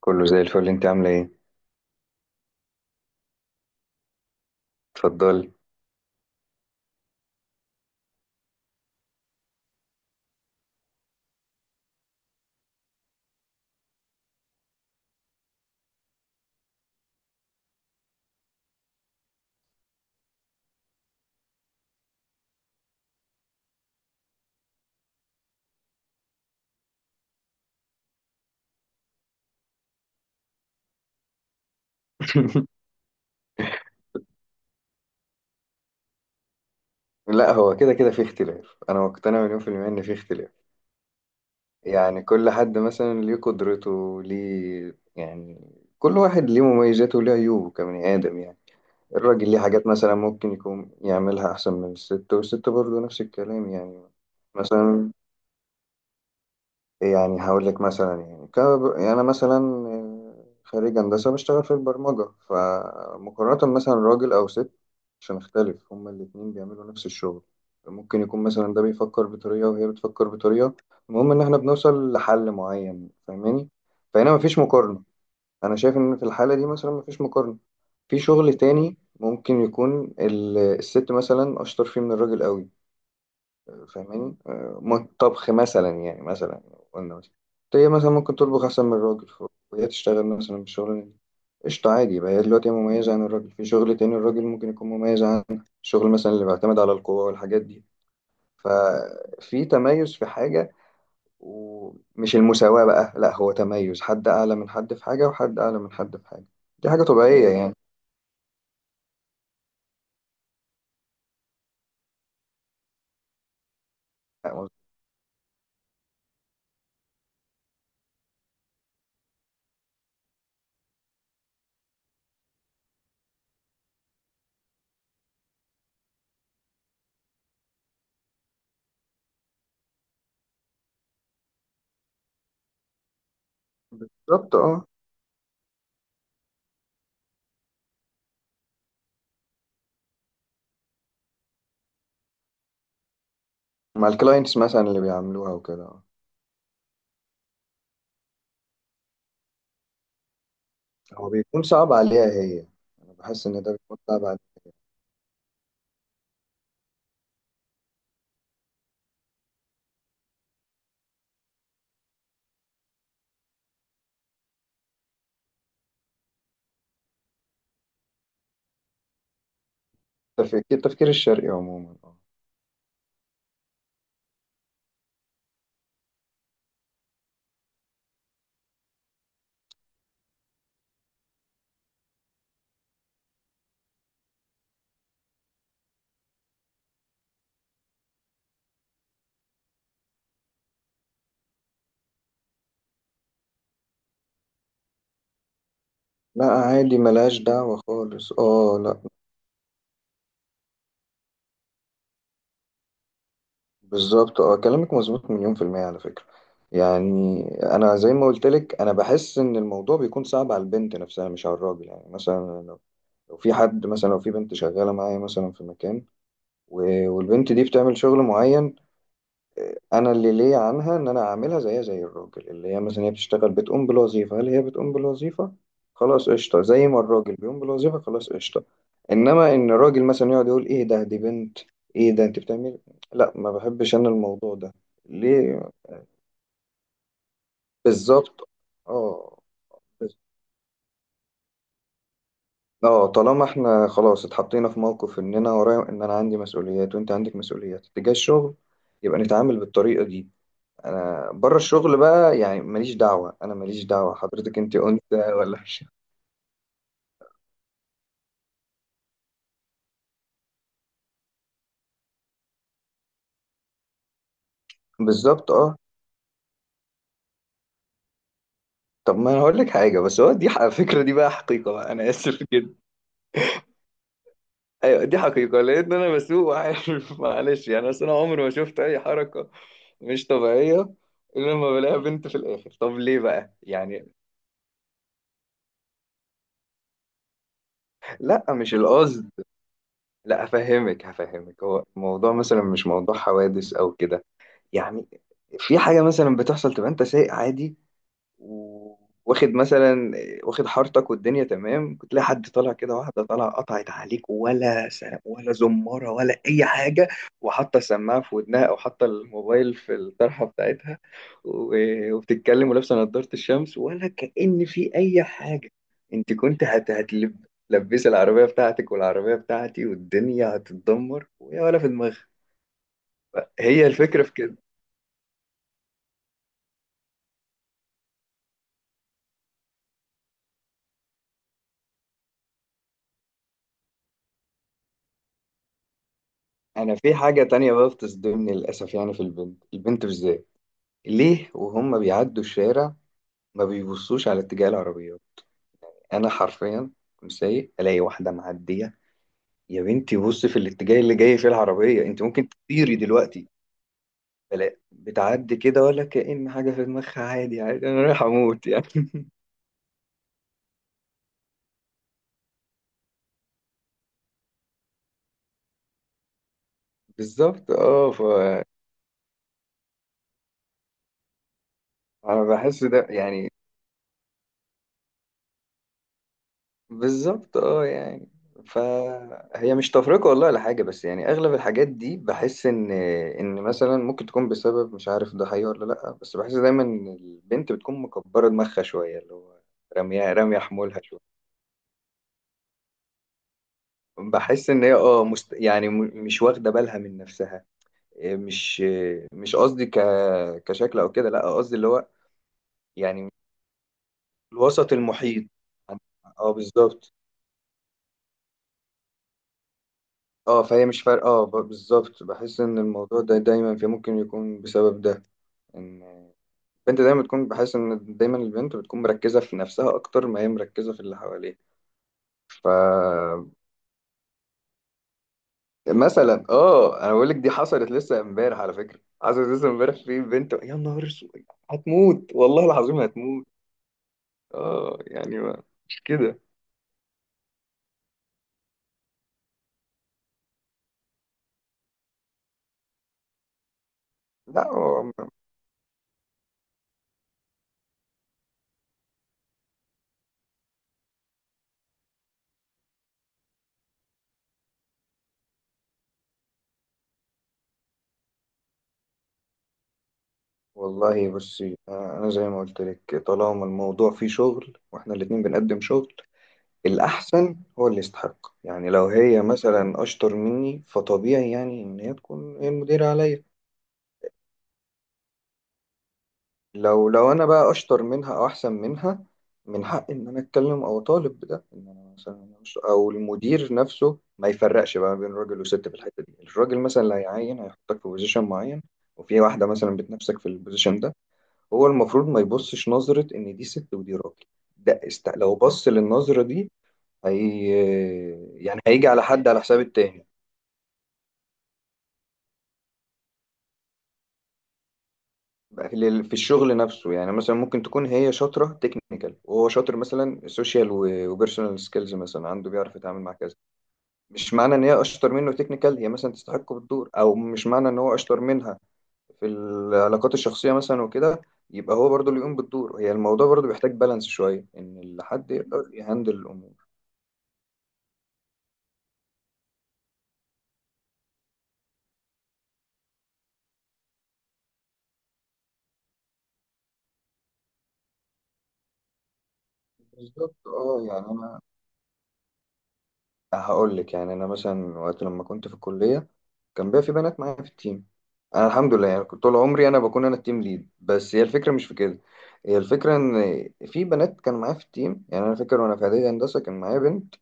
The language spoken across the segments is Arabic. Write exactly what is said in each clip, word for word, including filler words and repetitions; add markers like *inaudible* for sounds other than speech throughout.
كله زي الفل، انت عامله ايه؟ اتفضلي. *laughs* لا، هو كده كده في اختلاف. انا مقتنع مليون في المية ان في اختلاف. يعني كل حد مثلا ليه قدرته، ليه يعني. كل واحد ليه مميزاته وليه عيوبه كبني ادم يعني. الراجل ليه حاجات مثلا ممكن يكون يعملها احسن من الست، والست برضه نفس الكلام يعني. مثلا، يعني هقول لك مثلا، يعني ك... يعني انا مثلا خريج هندسه بشتغل في البرمجه. فمقارنه مثلا راجل او ست، عشان اختلف هما الاتنين بيعملوا نفس الشغل، ممكن يكون مثلا ده بيفكر بطريقه وهي بتفكر بطريقه. المهم ان احنا بنوصل لحل معين، فاهماني؟ فهنا مفيش مقارنه. انا شايف ان في الحاله دي مثلا مفيش مقارنه. في شغل تاني ممكن يكون ال- الست مثلا اشطر فيه من الراجل قوي، فاهماني؟ آه، مو- طبخ مثلا، يعني مثلا قلنا مثلا، هي مثلا ممكن تطبخ أحسن من الراجل. ف- وهي تشتغل مثلا بالشغل ده قشطة، عادي. يبقى هي دلوقتي مميزة عن الراجل في شغل تاني، الراجل ممكن يكون مميز عن الشغل مثلا اللي بيعتمد على القوة والحاجات دي. ففي تميز في حاجة، ومش المساواة بقى. لا، هو تميز، حد أعلى من حد في حاجة وحد أعلى من حد في حاجة. دي حاجة طبيعية يعني. بالظبط اه. مع الكلاينتس مثلا اللي بيعملوها وكده، آه. هو بيكون صعب عليها هي. انا بحس ان ده بيكون صعب عليها. التفكير التفكير الشرقي عموما، اه. لا، عادي، ملهاش دعوة خالص، اه لا. بالظبط اه، كلامك مظبوط مليون في المية على فكرة. يعني انا زي ما قلت لك، انا بحس ان الموضوع بيكون صعب على البنت نفسها مش على الراجل. يعني مثلا لو لو في حد مثلا، لو في بنت شغالة معايا مثلا في مكان، و- والبنت دي بتعمل شغل معين. انا اللي ليا عنها ان انا اعملها زيها زي الراجل، اللي هي مثلا هي بتشتغل بتقوم بالوظيفه. هل هي بتقوم بالوظيفه؟ خلاص قشطه زي ما الراجل بيقوم بالوظيفه، خلاص قشطه. انما ان الراجل مثلا يقعد يقول ايه ده، دي بنت، ايه ده انت بتعمل، لا ما بحبش انا الموضوع ده ليه؟ بالظبط اه، بس- اه طالما احنا خلاص اتحطينا في موقف ان انا ورايا ان انا عندي مسؤوليات وانت عندك مسؤوليات تجاه الشغل، يبقى نتعامل بالطريقه دي. انا بره الشغل بقى يعني ماليش دعوه، انا ماليش دعوه حضرتك انت انثى ولا مش. *laughs* بالظبط اه. طب ما انا هقول لك حاجه، بس هو دي ح- الفكره دي بقى حقيقه بقى، انا اسف *laughs* جدا. ايوه، دي حقيقه لان انا بسوق وعارف. *laughs* معلش يعني، اصل انا عمري ما شفت اي حركه مش طبيعيه الا لما بلاقيها بنت في الاخر. طب ليه بقى يعني؟ لا، مش القصد، لا، افهمك هفهمك. هو الموضوع مثلا مش موضوع حوادث او كده. يعني في حاجه مثلا بتحصل، تبقى انت سايق عادي، واخد مثلا واخد حارتك والدنيا تمام، كنت تلاقي حد طالع كده، واحده طالعه قطعت عليك، ولا سلام ولا زماره ولا اي حاجه، وحاطه السماعه في ودنها او حاطه الموبايل في الطرحه بتاعتها، و- وبتتكلم ولابسه نضاره الشمس ولا كأن في اي حاجه. انت كنت هت هتلب لبس العربيه بتاعتك والعربيه بتاعتي والدنيا هتتدمر، ويا ولا في دماغها. هي الفكره في كده. انا في حاجه تانية بقى بتصدمني للاسف، يعني في البنت، البنت بالذات، ليه وهم بيعدوا الشارع ما بيبصوش على اتجاه العربيات؟ انا حرفيا كنت سايق الاقي واحده معديه. يا بنتي بص في الاتجاه اللي جاي فيه العربيه، انت ممكن تطيري دلوقتي. بلا، بتعدي كده ولا كأن حاجه في دماغها، عادي عادي، انا رايح اموت يعني. *laughs* بالظبط اه. ف انا بحس ده يعني، بالظبط اه يعني، فهي مش تفرقة والله ولا حاجة. بس يعني أغلب الحاجات دي بحس إن إن مثلا ممكن تكون بسبب، مش عارف ده حقيقي ولا لأ، بس بحس دايما إن البنت بتكون مكبرة دماغها شوية، اللي هو رامية رامية حمولها شوية. بحس إن هي اه مست... يعني م... مش واخدة بالها من نفسها. إيه مش إيه مش قصدي ك... كشكل أو كده، لأ قصدي اللي هو يعني الوسط المحيط. اه بالظبط اه، فهي مش فارقة، اه، ب- بالظبط بحس ان الموضوع ده دايما في ممكن يكون بسبب ده. ان البنت دايما بتكون، بحس ان دايما البنت بتكون مركزة في نفسها اكتر ما هي مركزة في اللي حواليها. ف مثلا اه انا بقول لك دي حصلت لسه امبارح، على فكرة حصلت لسه امبارح في بنت، يا نهار اسود. هتموت والله العظيم هتموت. اه يعني ما مش كده. لا، هو- والله بصي. آه، انا زي ما قلت لك، طالما الموضوع فيه شغل واحنا الاتنين بنقدم شغل، الأحسن هو اللي يستحق. يعني لو هي مثلا أشطر مني، فطبيعي يعني إن هي تكون هي المديرة عليا. لو، لو أنا بقى أشطر منها أو أحسن منها، من حق إن أنا أتكلم أو أطالب بده، إن أنا مثلا مش، أو المدير نفسه ما يفرقش بقى بين راجل وست في الحتة دي. الراجل مثلا اللي هيعين هيحطك في بوزيشن معين، وفي واحدة مثلا بتنافسك في البوزيشن ده، هو المفروض ما يبصش نظرة إن دي ست ودي راجل. ده است... لو بص للنظرة دي، هي يعني هيجي على حد على حساب التاني. لل- في الشغل نفسه يعني، مثلا ممكن تكون هي شاطرة تكنيكال وهو شاطر مثلا سوشيال وبيرسونال سكيلز مثلا عنده، بيعرف يتعامل مع كذا. مش معنى ان هي اشطر منه تكنيكال هي مثلا تستحقه بالدور، او مش معنى ان هو اشطر منها في العلاقات الشخصية مثلا وكده يبقى هو برضه اللي يقوم بالدور. هي الموضوع برضه بيحتاج بالانس شوية ان الحد يقدر يهندل الامور. بالظبط اه يعني، انا هقول لك يعني انا مثلا وقت لما كنت في الكليه كان بقى في بنات معايا في التيم. انا الحمد لله يعني كنت طول عمري انا بكون انا التيم ليد، بس هي الفكره مش في كده. هي الفكره ان في بنات كان معايا في التيم. يعني انا فاكر وانا في اعدادي هندسه كان معايا بنت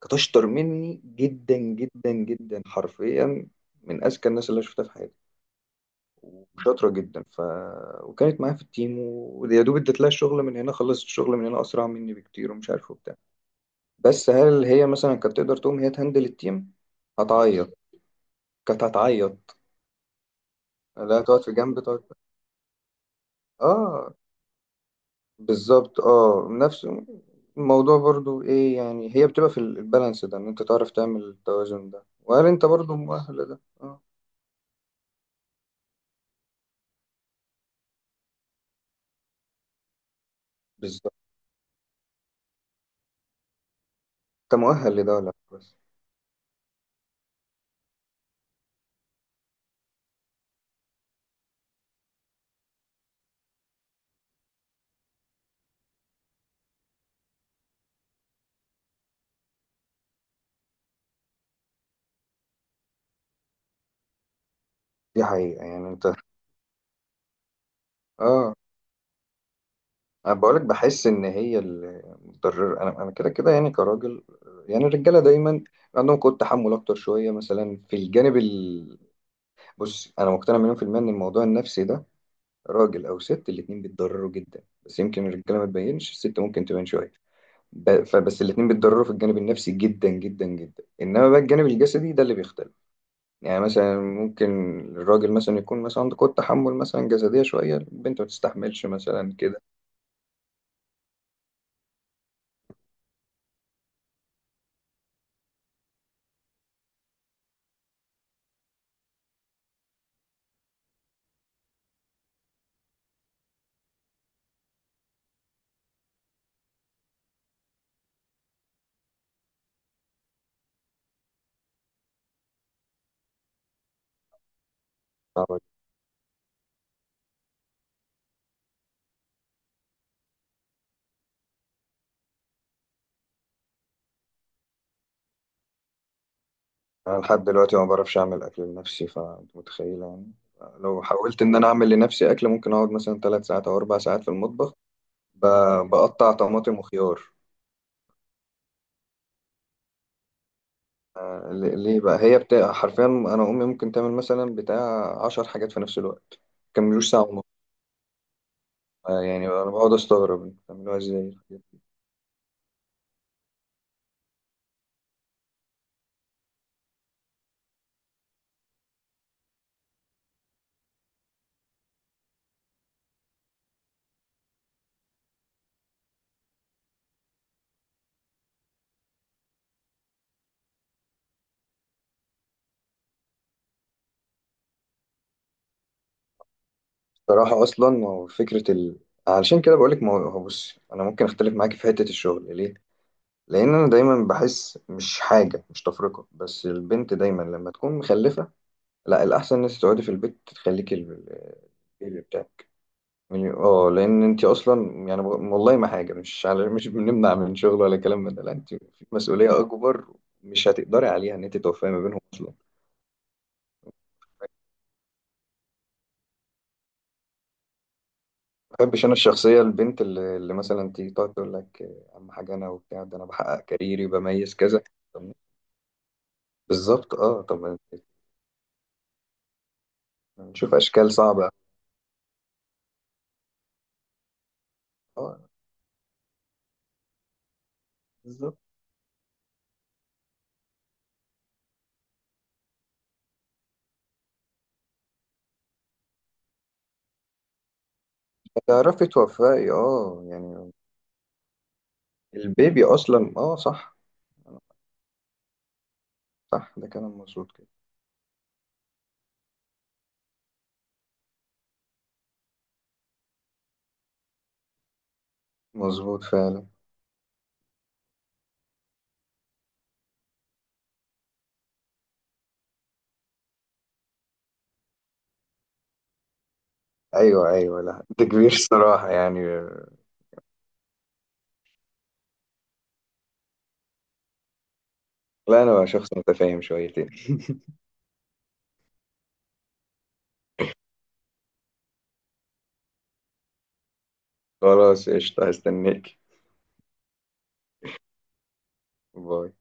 كانت اشطر مني جدا جدا جدا، حرفيا من اذكى الناس اللي أنا شفتها في حياتي وشاطره جدا. ف وكانت معايا في التيم، ويا دوب اديت لها الشغل من هنا خلصت الشغل من هنا اسرع مني بكتير، ومش عارف. بس هل هي مثلا كانت تقدر تقوم هي تهندل التيم؟ هتعيط، كانت هتعيط، لا، تقعد في جنب تقعد. اه بالظبط اه، نفس الموضوع برضو. ايه يعني، هي بتبقى في ال- البالانس ده، ان انت تعرف تعمل التوازن ده، وهل انت برضو مؤهل لده؟ اه، بالظبط، انت مؤهل لده ولا لا، بس دي حقيقة يعني. انت اه انا بقولك بحس ان هي المتضرر. انا انا كده كده يعني كراجل، يعني الرجالة دايما عندهم قوة تحمل اكتر شوية مثلا في الجانب. بص، انا مقتنع مليون في المية ان الموضوع النفسي ده راجل او ست الاتنين بيتضرروا جدا، بس يمكن الرجاله ما تبينش، الست ممكن تبين شويه. ب- فبس الاتنين بيتضرروا في الجانب النفسي جدا جدا جدا. انما بقى الجانب الجسدي ده اللي بيختلف. يعني مثلا ممكن الراجل مثلا يكون مثلا عنده قوة تحمل مثلا جسدية شوية، البنت ما تستحملش مثلا كده. صعبة جداً. انا لحد دلوقتي ما بعرفش اعمل اكل لنفسي، فانت متخيله يعني. لو حاولت ان انا اعمل لنفسي اكل ممكن اقعد مثلا ثلاث ساعات او اربع ساعات في المطبخ، ب- بقطع طماطم وخيار. آه، ل- ليه بقى؟ هي بتاع، حرفيا انا امي ممكن تعمل مثلا بتاع عشر حاجات في نفس الوقت، مكملوش ساعه ونص. آه، يعني انا بقعد استغرب انتوا بتعملوها ازاي. بصراحه اصلا، ما هو فكره ال... علشان كده بقول لك. ما هو هو بص، انا ممكن اختلف معاكي في حته الشغل، ليه؟ لان انا دايما بحس، مش حاجه مش تفرقه، بس البنت دايما لما تكون مخلفه، لا الاحسن ان انت تقعدي في البيت تخليكي البيبي. يعني اه، لان انت اصلا يعني، والله ما حاجه مش على، مش بنمنع من شغل ولا كلام من ده، لا انت في مسؤوليه اكبر مش هتقدري عليها، ان انت توفقي ما بينهم اصلا. ما بحبش انا الشخصيه البنت اللي, اللي مثلا تيجي تقعد تقول لك، آه، اهم حاجه انا، وبتاع ده انا بحقق كاريري وبميز كذا. طب، بالظبط اه طب، نشوف اشكال صعبه. اه، بالظبط، تعرفي توفقي، اه يعني البيبي اصلا، اه صح، صح، ده كلام مظبوط كده. مظبوط فعلا. ايوه ايوه، لا انت كبير الصراحه يعني. لا، انا شخص متفاهم شويتين. خلاص قشطه، هستناك. باي.